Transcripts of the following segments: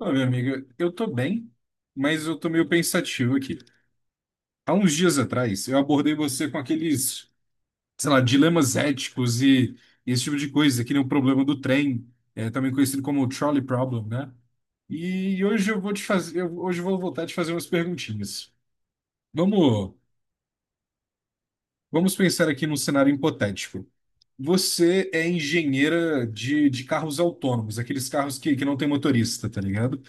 Olha, amiga, eu tô bem, mas eu tô meio pensativo aqui. Há uns dias atrás, eu abordei você com aqueles, sei lá, dilemas éticos e esse tipo de coisa, que nem o problema do trem, também conhecido como o trolley problem, né? E hoje eu vou te fazer, hoje eu vou voltar a te fazer umas perguntinhas. Vamos, vamos pensar aqui num cenário hipotético. Você é engenheira de carros autônomos, aqueles carros que não tem motorista, tá ligado?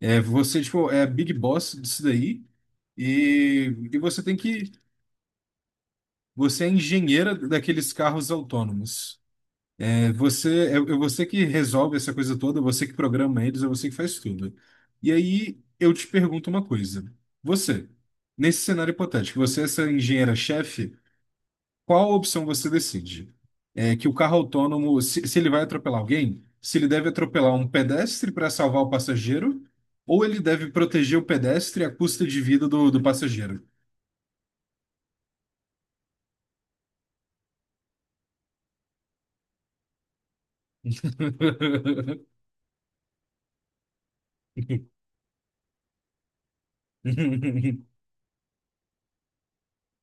É, você, tipo, é a Big Boss disso daí, e, e você tem que. Você é engenheira daqueles carros autônomos. É você, é você que resolve essa coisa toda, é você que programa eles, é você que faz tudo. E aí eu te pergunto uma coisa. Você, nesse cenário hipotético, você é essa engenheira-chefe, qual opção você decide? É que o carro autônomo, se ele vai atropelar alguém, se ele deve atropelar um pedestre para salvar o passageiro, ou ele deve proteger o pedestre à custa de vida do passageiro?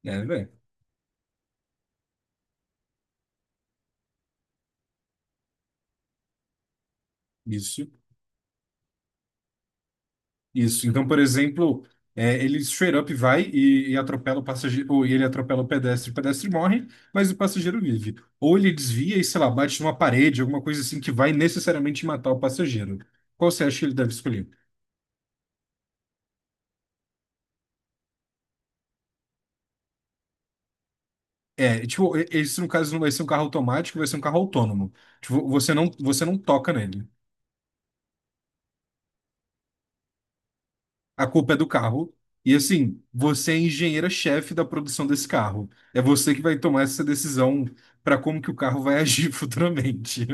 É, velho. Isso. Isso. Então, por exemplo, é, ele straight up vai e atropela o passageiro, ou ele atropela o pedestre morre, mas o passageiro vive. Ou ele desvia e, sei lá, bate numa parede, alguma coisa assim que vai necessariamente matar o passageiro. Qual você acha que ele deve escolher? É, tipo, esse no caso não vai ser um carro automático, vai ser um carro autônomo. Tipo, você não toca nele. A culpa é do carro. E assim, você é a engenheira-chefe da produção desse carro. É você que vai tomar essa decisão para como que o carro vai agir futuramente.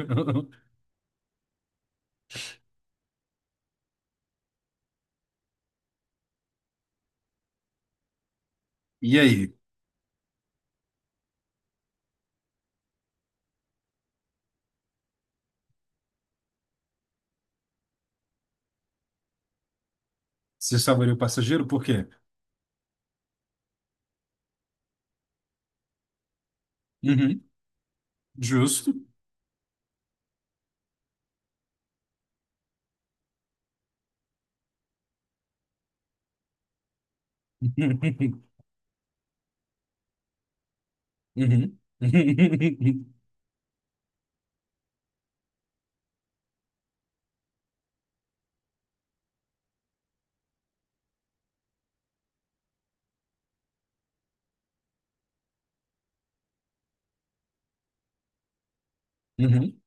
E aí, você salvaria o passageiro por quê? Uhum, justo. Uhum, uhum, uhum,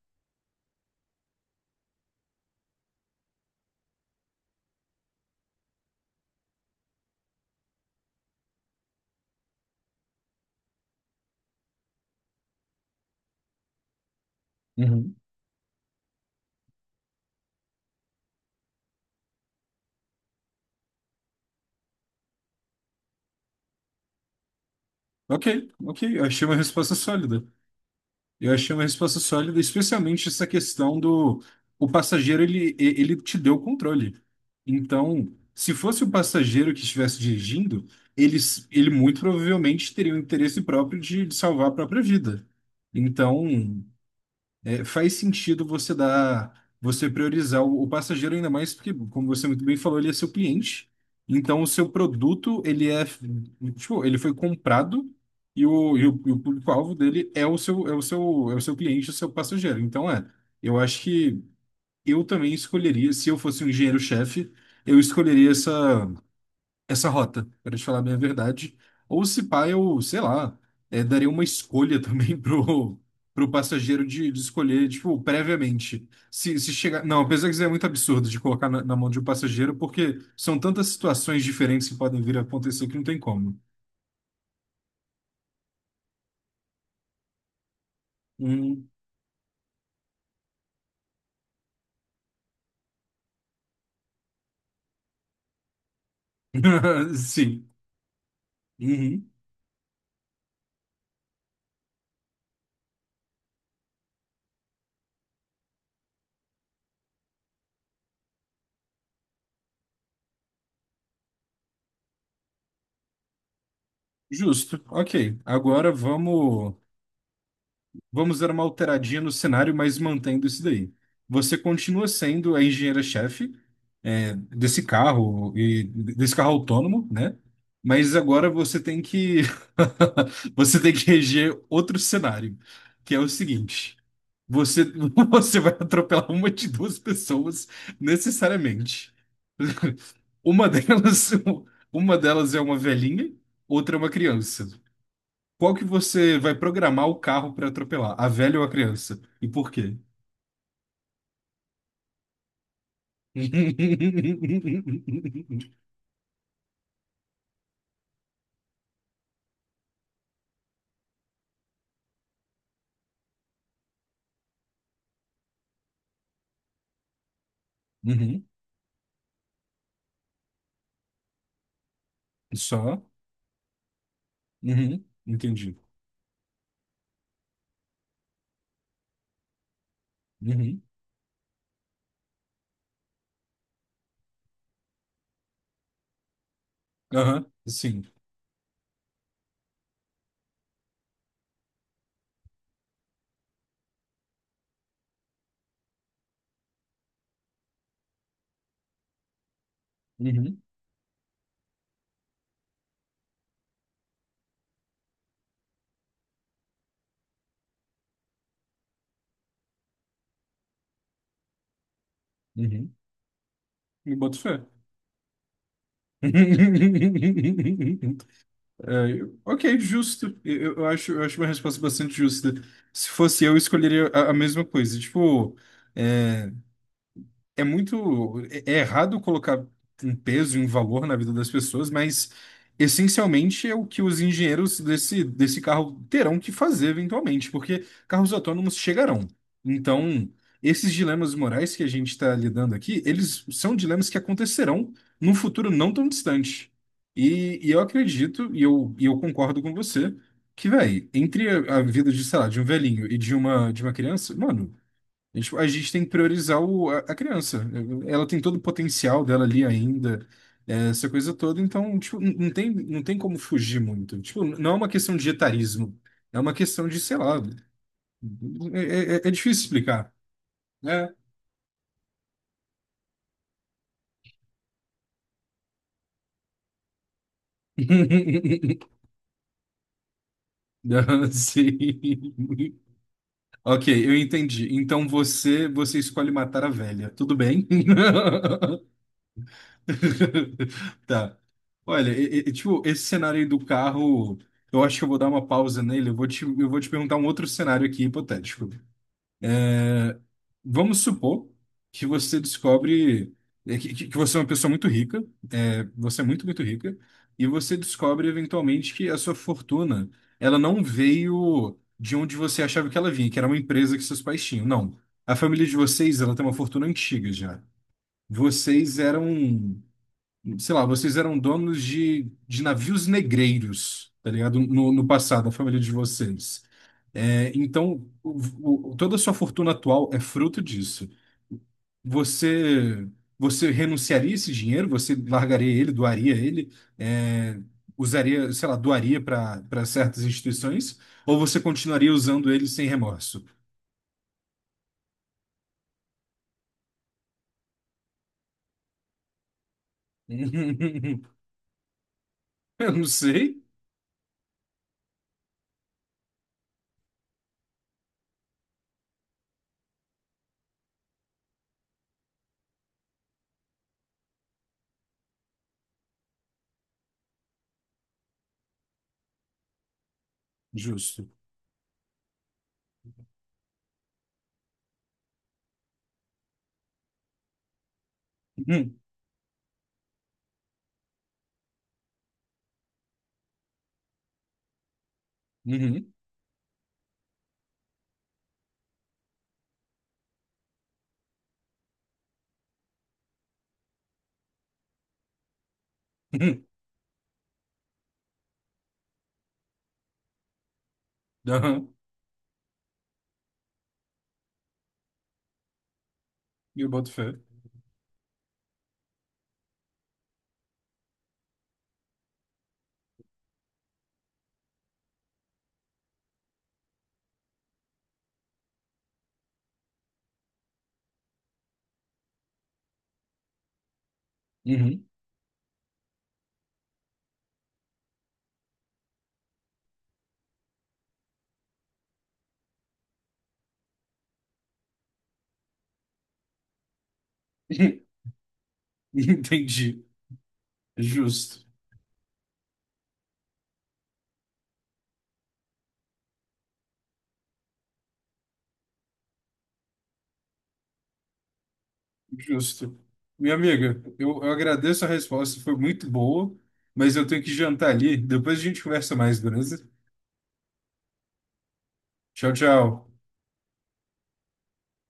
uhum. Ok, ok, eu achei uma resposta sólida. Eu achei uma resposta sólida, especialmente essa questão do... O passageiro, ele, ele te deu o controle. Então, se fosse o passageiro que estivesse dirigindo, ele muito provavelmente teria o interesse próprio de salvar a própria vida. Então, é, faz sentido você dar, você priorizar o passageiro ainda mais porque, como você muito bem falou, ele é seu cliente. Então, o seu produto, ele é, tipo, ele foi comprado e o público-alvo dele é é o seu cliente, o seu passageiro. Então, é, eu acho que eu também escolheria, se eu fosse um engenheiro-chefe, eu escolheria essa rota, para te falar bem a verdade. Ou se pá, eu, sei lá, é, daria uma escolha também pro passageiro de escolher, tipo, previamente. Se chegar. Não, apesar que isso é muito absurdo de colocar na mão de um passageiro, porque são tantas situações diferentes que podem vir a acontecer que não tem como. Hum. Sim. Uhum. Justo. Ok. Agora vamos. Vamos dar uma alteradinha no cenário, mas mantendo isso daí. Você continua sendo a engenheira-chefe, é, desse carro e desse carro autônomo, né? Mas agora você tem que você tem que reger outro cenário, que é o seguinte: você você vai atropelar uma de duas pessoas necessariamente. Uma delas uma delas é uma velhinha, outra é uma criança. Qual que você vai programar o carro para atropelar? A velha ou a criança? E por quê? Uhum. Só? Uhum. Entendi. Uhum. Aham. Sim. Uhum. Uhum. Me boto fé. É, ok, justo. Acho, eu acho uma resposta bastante justa. Se fosse eu escolheria a mesma coisa. Tipo, é, é muito. É é errado colocar um peso e um valor na vida das pessoas, mas essencialmente é o que os engenheiros desse carro terão que fazer eventualmente, porque carros autônomos chegarão. Então, esses dilemas morais que a gente está lidando aqui, eles são dilemas que acontecerão num futuro não tão distante. E eu acredito, e eu concordo com você, que, véi, entre a vida de, sei lá, de um velhinho e de uma criança, mano. A gente tem que priorizar a criança. Ela tem todo o potencial dela ali ainda, é, essa coisa toda. Então, tipo, não tem, não tem como fugir muito. Tipo, não é uma questão de etarismo. É uma questão de, sei lá. É, é é difícil explicar. É. Não, sim. Ok, eu entendi. Então você escolhe matar a velha. Tudo bem? Tá. Olha, tipo, esse cenário aí do carro, eu acho que eu vou dar uma pausa nele. Eu vou te perguntar um outro cenário aqui hipotético. É, vamos supor que você descobre é, que que você é uma pessoa muito rica, é, você é muito, muito rica, e você descobre eventualmente que a sua fortuna, ela não veio de onde você achava que ela vinha, que era uma empresa que seus pais tinham. Não. A família de vocês, ela tem uma fortuna antiga já. Vocês eram sei lá, vocês eram donos de navios negreiros, tá ligado? No passado, a família de vocês. É, então, toda a sua fortuna atual é fruto disso. Você, você renunciaria a esse dinheiro? Você largaria ele, doaria ele? É, usaria, sei lá, doaria para para certas instituições? Ou você continuaria usando ele sem remorso? Eu não sei. Justo. Uhum. Uhum. Uhum. Aham. Eu boto fé. Uhum. Entendi. Justo, justo. Minha amiga, eu agradeço a resposta, foi muito boa, mas eu tenho que jantar ali. Depois a gente conversa mais, beleza? Tchau, tchau.